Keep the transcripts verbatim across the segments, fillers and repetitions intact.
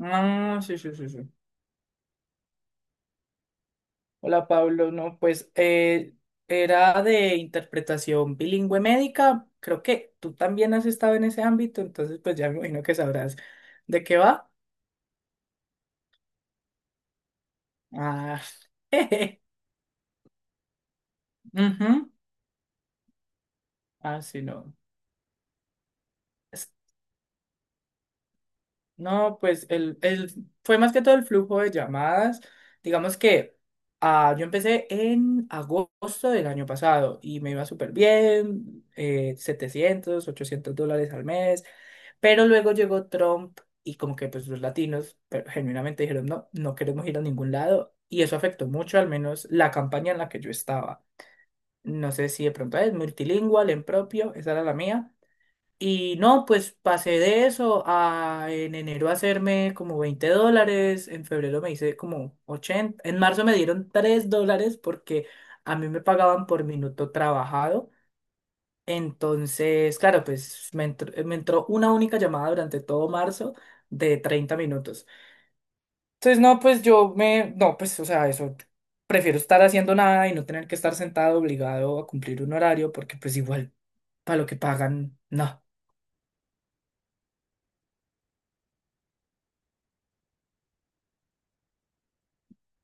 Ah, sí, sí, sí, sí. Hola, Pablo. No, pues eh, era de interpretación bilingüe médica. Creo que tú también has estado en ese ámbito, entonces pues ya me imagino que sabrás de qué va. Ah, jeje. Ujú. Ah, sí, no. Es- No, pues el, el, fue más que todo el flujo de llamadas. Digamos que ah, yo empecé en agosto del año pasado y me iba súper bien, eh, setecientos, ochocientos dólares al mes. Pero luego llegó Trump y como que pues los latinos pero genuinamente dijeron, no, no queremos ir a ningún lado. Y eso afectó mucho, al menos la campaña en la que yo estaba. No sé si de pronto es multilingual, en propio, esa era la mía. Y no, pues pasé de eso a en enero hacerme como veinte dólares, en febrero me hice como ochenta, en marzo me dieron tres dólares porque a mí me pagaban por minuto trabajado. Entonces, claro, pues me entró, eh, me entró una única llamada durante todo marzo de treinta minutos. Entonces, no, pues yo me, no, pues, o sea, eso, prefiero estar haciendo nada y no tener que estar sentado obligado a cumplir un horario porque pues igual, para lo que pagan, no.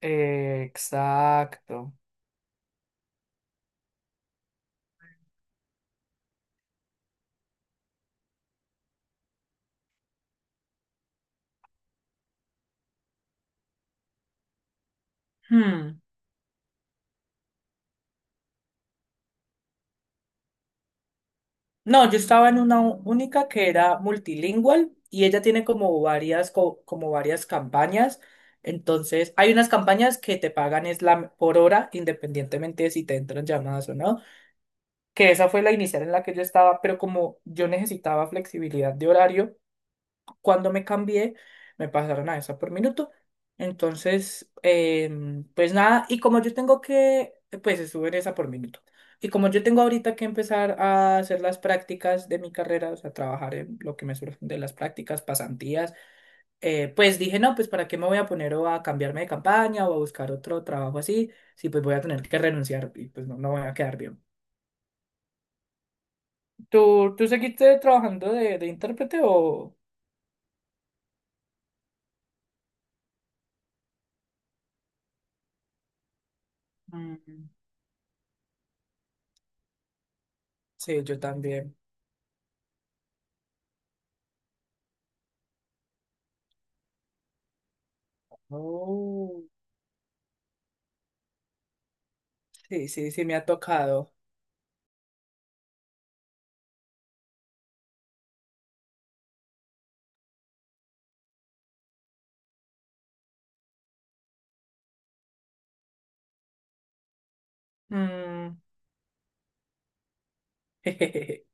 Exacto. Hmm. No, yo estaba en una u- única que era multilingüe y ella tiene como varias, co- como varias campañas. Entonces, hay unas campañas que te pagan es la, por hora, independientemente de si te entran llamadas o no, que esa fue la inicial en la que yo estaba, pero como yo necesitaba flexibilidad de horario, cuando me cambié, me pasaron a esa por minuto. Entonces, em, pues nada, y como yo tengo que, pues estuve en esa por minuto. Y como yo tengo ahorita que empezar a hacer las prácticas de mi carrera, o sea, trabajar en lo que me surgen de las prácticas, pasantías, eh, pues dije, no, pues para qué me voy a poner o a cambiarme de campaña o a buscar otro trabajo así, si pues voy a tener que renunciar y pues no, no voy a quedar bien. ¿Tú, tú seguiste trabajando de, de intérprete o...? Mm. Sí, yo también. Oh, sí, sí, sí, me ha tocado. Mm, jejeje,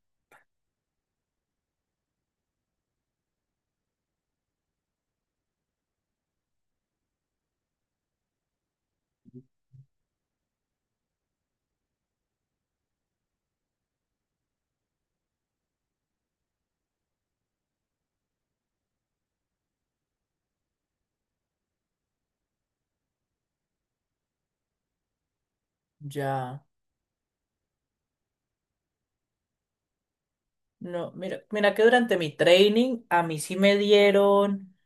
ya. No, mira, mira que durante mi training a mí sí me dieron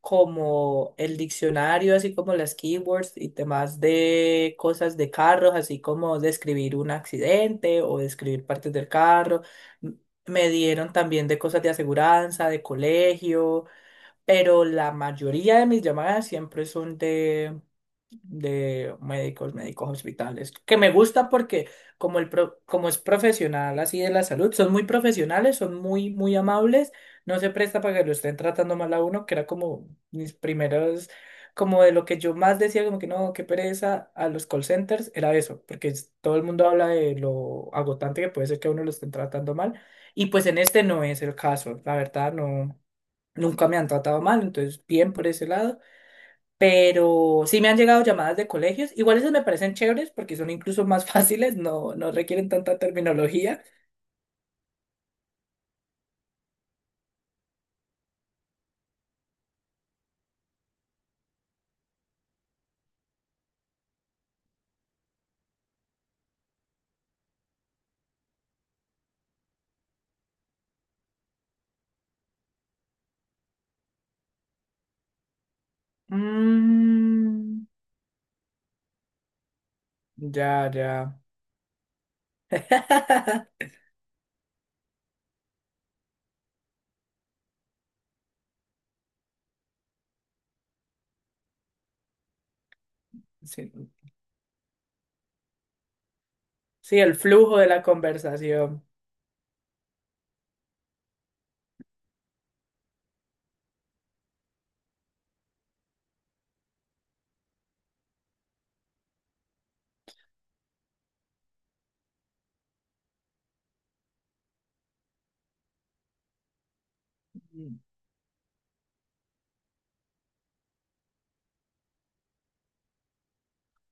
como el diccionario, así como las keywords y temas de cosas de carros, así como describir un accidente o describir partes del carro. M- Me dieron también de cosas de aseguranza, de colegio. Pero la mayoría de mis llamadas siempre son de, de médicos, médicos hospitales, que me gusta porque como, el pro- como es profesional así de la salud, son muy profesionales, son muy, muy amables, no se presta para que lo estén tratando mal a uno, que era como mis primeros, como de lo que yo más decía, como que no, qué pereza a los call centers, era eso, porque es- todo el mundo habla de lo agotante que puede ser que a uno lo estén tratando mal, y pues en este no es el caso, la verdad no. Nunca me han tratado mal, entonces bien por ese lado. Pero sí me han llegado llamadas de colegios. Igual esas me parecen chéveres porque son incluso más fáciles, no, no requieren tanta terminología. Mm, ya, ya. Sí, sí, el flujo de la conversación.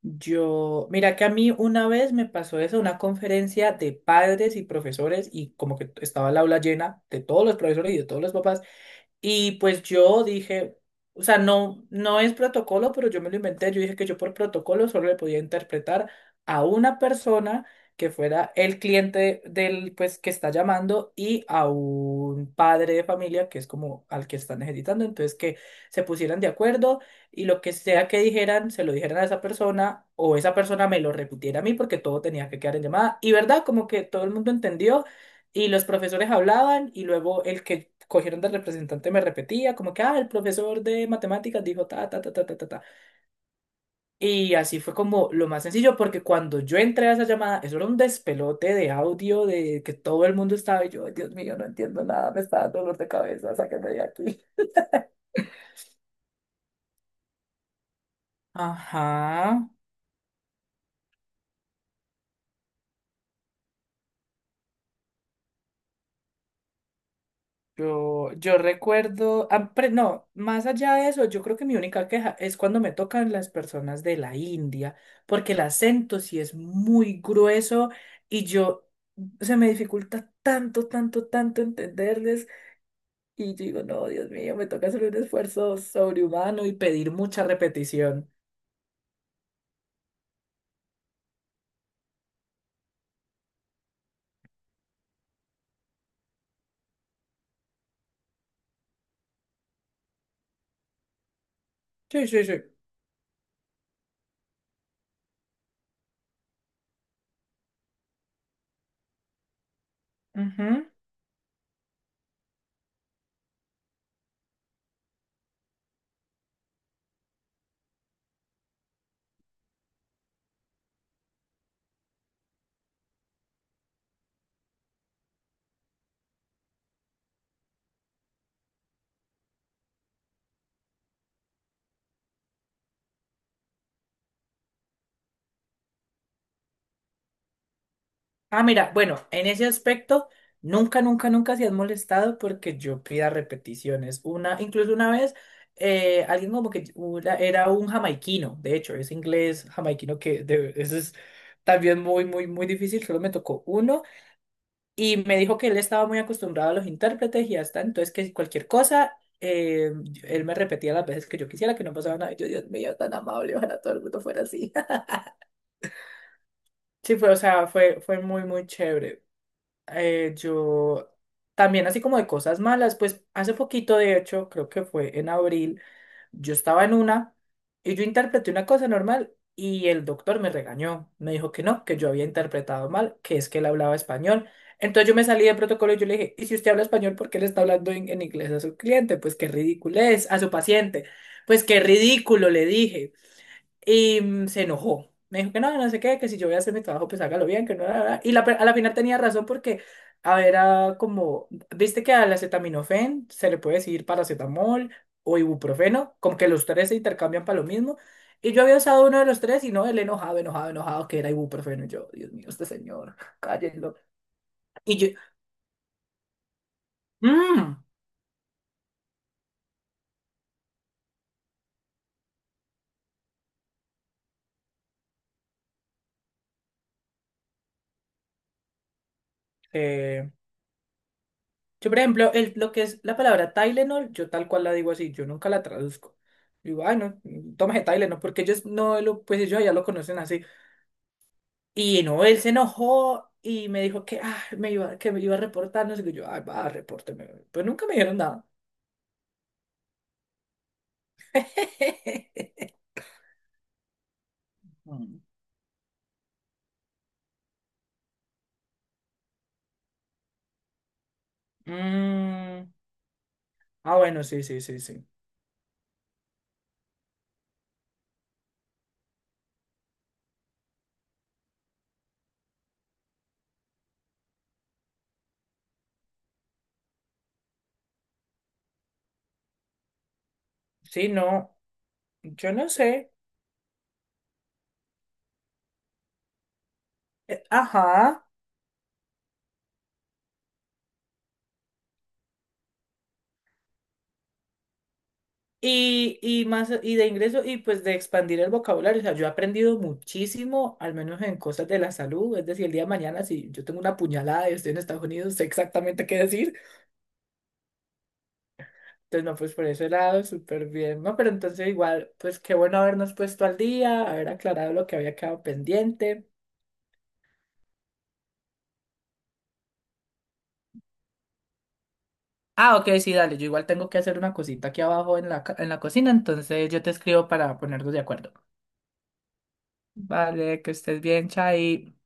Yo, mira que a mí una vez me pasó eso, una conferencia de padres y profesores y como que estaba el aula llena de todos los profesores y de todos los papás. Y pues yo dije, o sea, no, no es protocolo, pero yo me lo inventé. Yo dije que yo por protocolo solo le podía interpretar a una persona que fuera el cliente del, pues, que está llamando y a un padre de familia que es como al que están necesitando. Entonces, que se pusieran de acuerdo y lo que sea que dijeran, se lo dijeran a esa persona o esa persona me lo repitiera a mí porque todo tenía que quedar en llamada. Y verdad, como que todo el mundo entendió y los profesores hablaban y luego el que cogieron de representante me repetía, como que, ah, el profesor de matemáticas dijo ta, ta, ta, ta, ta, ta, ta. Y así fue como lo más sencillo, porque cuando yo entré a esa llamada, eso era un despelote de audio, de que todo el mundo estaba, y yo, Dios mío, no entiendo nada, me está dando dolor de cabeza, sáquenme de aquí. Ajá. Yo, yo recuerdo, ah, pre- no, más allá de eso, yo creo que mi única queja es cuando me tocan las personas de la India, porque el acento sí es muy grueso y yo se me dificulta tanto, tanto, tanto entenderles y yo digo, no, Dios mío, me toca hacer un esfuerzo sobrehumano y pedir mucha repetición. Sí, sí, sí. Ah, mira, bueno, en ese aspecto, nunca, nunca, nunca se han molestado porque yo pida repeticiones. Una, incluso una vez, eh, alguien como que una- era un jamaiquino, de hecho, es inglés jamaiquino que de- eso es también muy, muy, muy difícil, solo me tocó uno y me dijo que él estaba muy acostumbrado a los intérpretes y hasta entonces que si cualquier cosa, eh, él me repetía las veces que yo quisiera, que no pasaba nada. Y yo, Dios mío, tan amable, ojalá todo el mundo fuera así. Sí, fue, o sea, fue, fue muy, muy chévere. Eh, yo también así como de cosas malas, pues hace poquito, de hecho, creo que fue en abril, yo estaba en una y yo interpreté una cosa normal y el doctor me regañó, me dijo que no, que yo había interpretado mal, que es que él hablaba español. Entonces yo me salí del protocolo y yo le dije, ¿y si usted habla español, por qué le está hablando en, en inglés a su cliente? Pues qué ridículo es, a su paciente. Pues qué ridículo, le dije. Y mm, se enojó. Me dijo que no, que no sé qué, que si yo voy a hacer mi trabajo, pues hágalo bien, que no, la, la, y la pe- a la final tenía razón porque, a ver, era como, viste que al acetaminofén se le puede decir paracetamol o ibuprofeno, como que los tres se intercambian para lo mismo. Y yo había usado uno de los tres y no, el enojado, enojado, enojado, que era ibuprofeno. Y yo, Dios mío, este señor, cállenlo. Y yo, mmm, yo, por ejemplo, el- lo que es la palabra Tylenol, yo tal cual la digo así, yo nunca la traduzco. Digo, ah, no, tómese Tylenol, porque ellos no lo, pues ellos ya lo conocen así. Y no, él se enojó y me dijo que, ah, me iba, que me iba a reportar, no sé qué. Yo, ah, va, repórteme. Pues nunca me dijeron nada. Mm. Mm, ah, bueno, sí, sí, sí, sí. Sí, no, yo no sé. Eh, ajá. Y, y más y de ingreso y pues de expandir el vocabulario. O sea, yo he aprendido muchísimo, al menos en cosas de la salud. Es decir, el día de mañana, si yo tengo una puñalada y estoy en Estados Unidos, sé exactamente qué decir. Entonces, no, pues por ese lado, súper bien, ¿no? Pero entonces igual, pues qué bueno habernos puesto al día, haber aclarado lo que había quedado pendiente. Ah, ok, sí, dale, yo igual tengo que hacer una cosita aquí abajo en la, ca- en la cocina, entonces yo te escribo para ponernos de acuerdo. Vale, que estés bien, Chai.